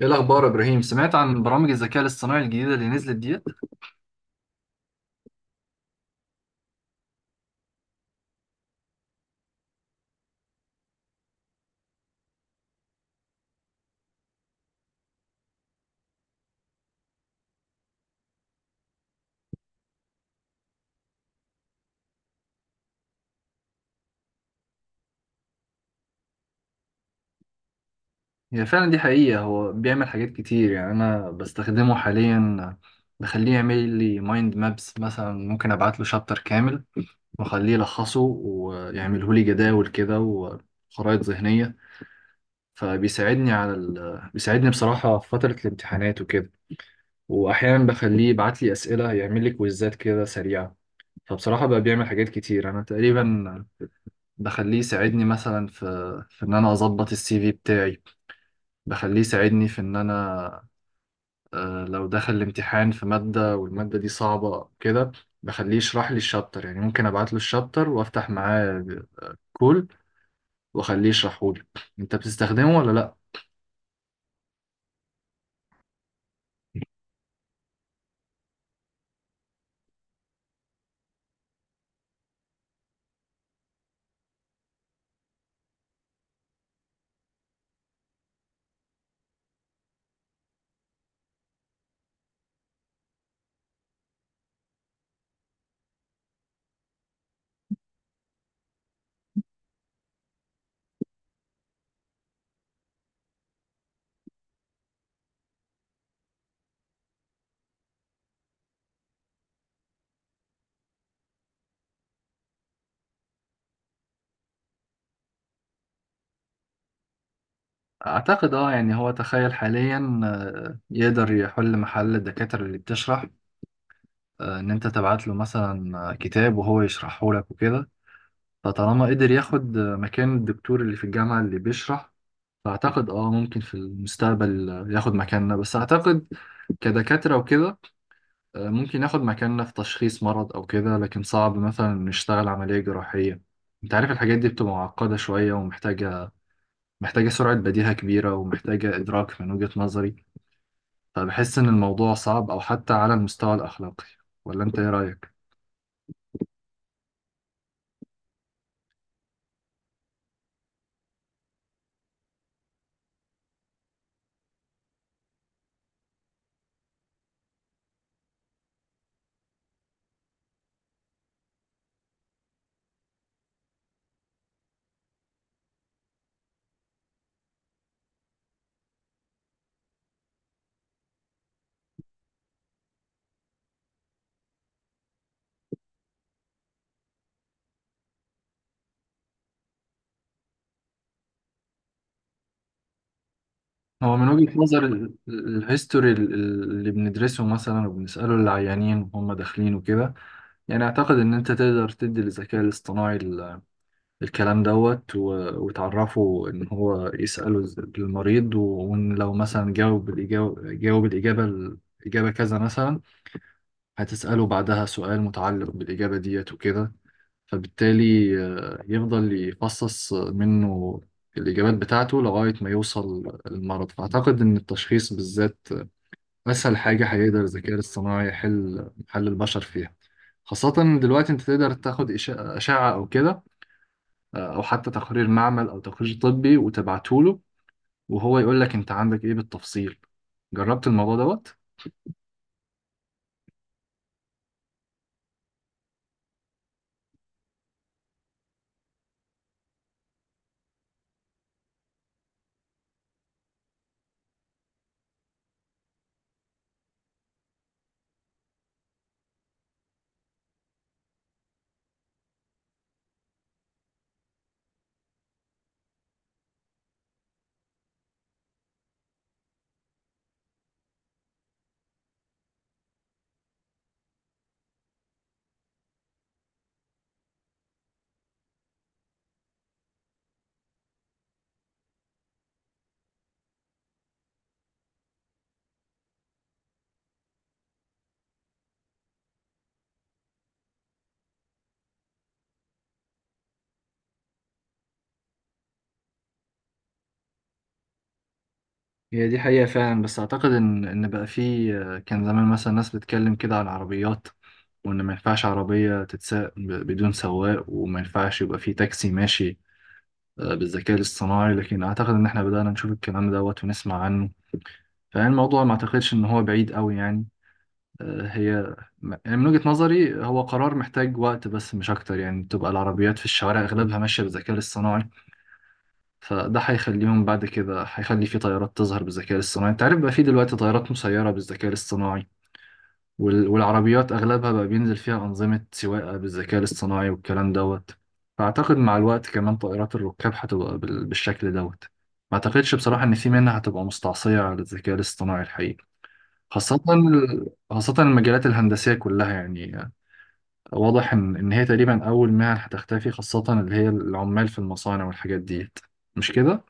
ايه الاخبار يا ابراهيم؟ سمعت عن برامج الذكاء الاصطناعي الجديده اللي نزلت ديت؟ هي فعلا دي حقيقه، هو بيعمل حاجات كتير يعني. انا بستخدمه حاليا، بخليه يعمل لي مايند مابس مثلا. ممكن ابعت له شابتر كامل واخليه يلخصه ويعمله لي جداول كده وخرائط ذهنيه. فبيساعدني على بيساعدني بصراحة في فترة الامتحانات وكده. وأحيانا بخليه يبعت لي أسئلة، يعمل لي كويزات كده سريعة. فبصراحة بقى بيعمل حاجات كتير. أنا تقريبا بخليه يساعدني مثلا في إن أنا أظبط السي في بتاعي. بخليه يساعدني في إن أنا لو دخل الامتحان في مادة والمادة دي صعبة كده، بخليه يشرح لي الشابتر. يعني ممكن أبعت له الشابتر وأفتح معاه كول وأخليه يشرحه لي. أنت بتستخدمه ولا لأ؟ أعتقد أه يعني، هو تخيل حاليا يقدر يحل محل الدكاترة اللي بتشرح. إن أنت تبعت له مثلا كتاب وهو يشرحه لك وكده. فطالما قدر ياخد مكان الدكتور اللي في الجامعة اللي بيشرح، فأعتقد أه ممكن في المستقبل ياخد مكاننا. بس أعتقد كدكاترة وكده، ممكن ياخد مكاننا في تشخيص مرض أو كده، لكن صعب مثلا نشتغل عملية جراحية. أنت عارف الحاجات دي بتبقى معقدة شوية ومحتاجة محتاجة سرعة بديهة كبيرة ومحتاجة إدراك من وجهة نظري. فبحس إن الموضوع صعب، أو حتى على المستوى الأخلاقي. ولا أنت إيه رأيك؟ هو من وجهة نظر الهيستوري اللي بندرسه مثلا وبنسأله العيانين وهم داخلين وكده. يعني أعتقد إن أنت تقدر تدي للذكاء الاصطناعي الكلام دوت، وتعرفه إن هو يسأله المريض، وإن لو مثلا جاوب الإجابة، جاوب الإجابة الإجابة كذا مثلا، هتسأله بعدها سؤال متعلق بالإجابة ديت وكده. فبالتالي يفضل يفصص منه الإجابات بتاعته لغاية ما يوصل للمرض. فأعتقد إن التشخيص بالذات أسهل حاجة هيقدر الذكاء الاصطناعي يحل محل البشر فيها. خاصة دلوقتي أنت تقدر تاخد أشعة أو كده، أو حتى تقرير معمل أو تقرير طبي وتبعته له، وهو يقول لك أنت عندك إيه بالتفصيل. جربت الموضوع دوت؟ هي دي حقيقة فعلا، بس أعتقد إن إن بقى فيه كان زمان مثلا ناس بتتكلم كده عن العربيات، وإن ما ينفعش عربية تتساق بدون سواق، وما ينفعش يبقى فيه تاكسي ماشي بالذكاء الاصطناعي. لكن أعتقد إن إحنا بدأنا نشوف الكلام دوت ونسمع عنه. فالموضوع ما أعتقدش إن هو بعيد أوي يعني. آه، هي يعني من وجهة نظري هو قرار محتاج وقت بس، مش أكتر. يعني تبقى العربيات في الشوارع أغلبها ماشية بالذكاء الاصطناعي. فده هيخليهم بعد كده، هيخلي في طيارات تظهر بالذكاء الاصطناعي. انت عارف بقى في دلوقتي طيارات مسيرة بالذكاء الاصطناعي، والعربيات اغلبها بقى بينزل فيها انظمة سواقة بالذكاء الاصطناعي والكلام دوت. فاعتقد مع الوقت كمان طائرات الركاب هتبقى بالشكل دوت. ما اعتقدش بصراحة ان في منها هتبقى مستعصية على الذكاء الاصطناعي الحقيقي، خاصة خاصة المجالات الهندسية كلها يعني. واضح إن هي تقريبا أول مهن هتختفي، خاصة اللي هي العمال في المصانع والحاجات ديت. مش كده؟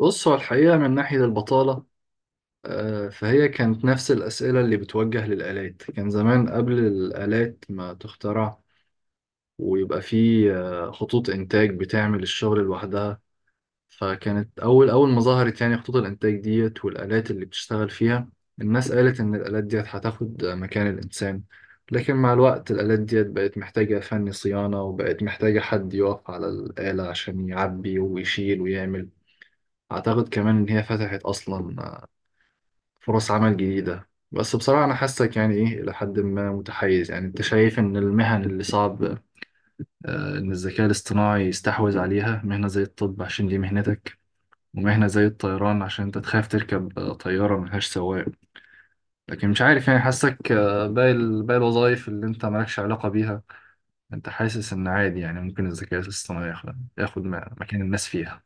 بص، هو الحقيقة من ناحية البطالة، فهي كانت نفس الأسئلة اللي بتوجه للآلات كان زمان قبل الآلات ما تخترع، ويبقى في خطوط إنتاج بتعمل الشغل لوحدها. فكانت أول أول ما ظهرت يعني خطوط الإنتاج ديت والآلات اللي بتشتغل فيها، الناس قالت إن الآلات ديت هتاخد مكان الإنسان. لكن مع الوقت الآلات ديت بقت محتاجة فني صيانة، وبقت محتاجة حد يقف على الآلة عشان يعبي ويشيل ويعمل. أعتقد كمان إن هي فتحت أصلا فرص عمل جديدة. بس بصراحة أنا حاسك يعني إيه، إلى حد ما متحيز. يعني أنت شايف إن المهن اللي صعب إن الذكاء الاصطناعي يستحوذ عليها، مهنة زي الطب عشان دي مهنتك، ومهنة زي الطيران عشان أنت تخاف تركب طيارة ملهاش سواق. لكن مش عارف يعني، حاسك باقي باقي الوظائف اللي أنت مالكش علاقة بيها أنت حاسس إن عادي. يعني ممكن الذكاء الاصطناعي ياخد، ياخد مكان الناس فيها.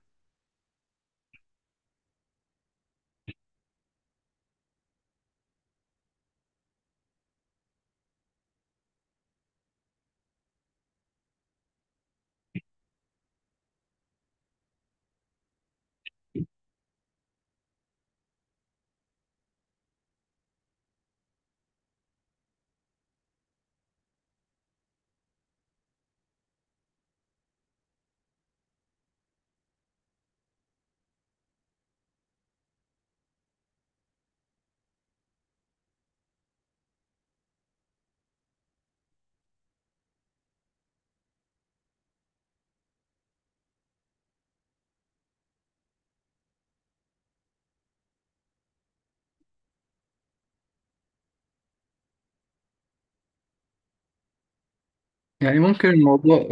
يعني ممكن الموضوع،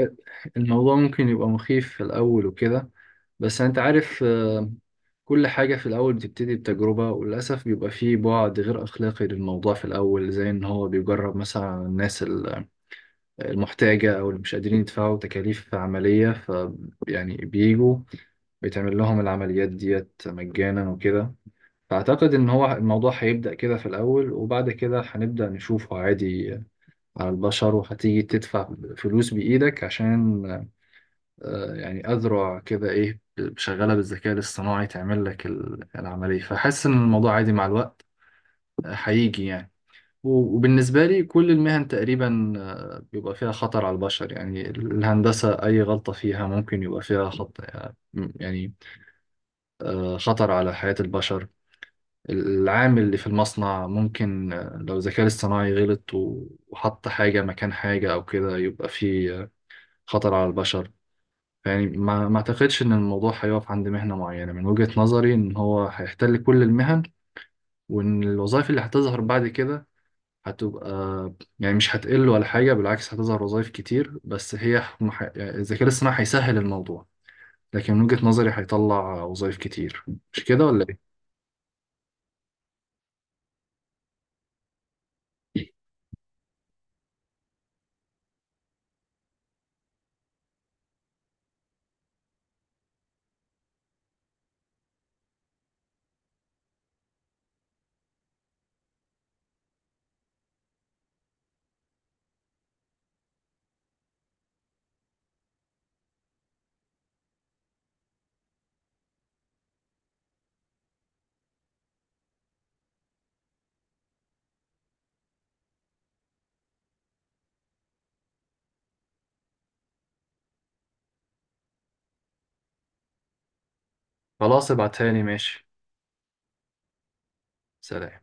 الموضوع ممكن يبقى مخيف في الأول وكده. بس أنت عارف كل حاجة في الأول بتبتدي بتجربة، وللأسف بيبقى فيه بعد غير أخلاقي للموضوع في الأول، زي إن هو بيجرب مثلا على الناس المحتاجة أو اللي مش قادرين يدفعوا تكاليف عملية. ف يعني بيجوا بيتعمل لهم العمليات ديت مجانا وكده. فأعتقد إن هو الموضوع هيبدأ كده في الأول، وبعد كده هنبدأ نشوفه عادي على البشر. وهتيجي تدفع فلوس بإيدك عشان يعني أذرع كده إيه شغالة بالذكاء الاصطناعي تعمل لك العملية. فحس إن الموضوع عادي مع الوقت هيجي يعني. وبالنسبة لي كل المهن تقريبا بيبقى فيها خطر على البشر. يعني الهندسة أي غلطة فيها ممكن يبقى فيها خط، يعني خطر على حياة البشر. العامل اللي في المصنع ممكن لو الذكاء الاصطناعي غلط وحط حاجة مكان حاجة أو كده، يبقى فيه خطر على البشر. يعني ما اعتقدش ان الموضوع هيقف عند مهنة معينة. من وجهة نظري ان هو هيحتل كل المهن، وان الوظائف اللي هتظهر بعد كده هتبقى، يعني مش هتقل ولا حاجة. بالعكس هتظهر وظائف كتير، بس هي يعني الذكاء الاصطناعي هيسهل الموضوع، لكن من وجهة نظري هيطلع وظائف كتير. مش كده ولا ايه؟ خلاص ابعتها لي، ماشي. سلام.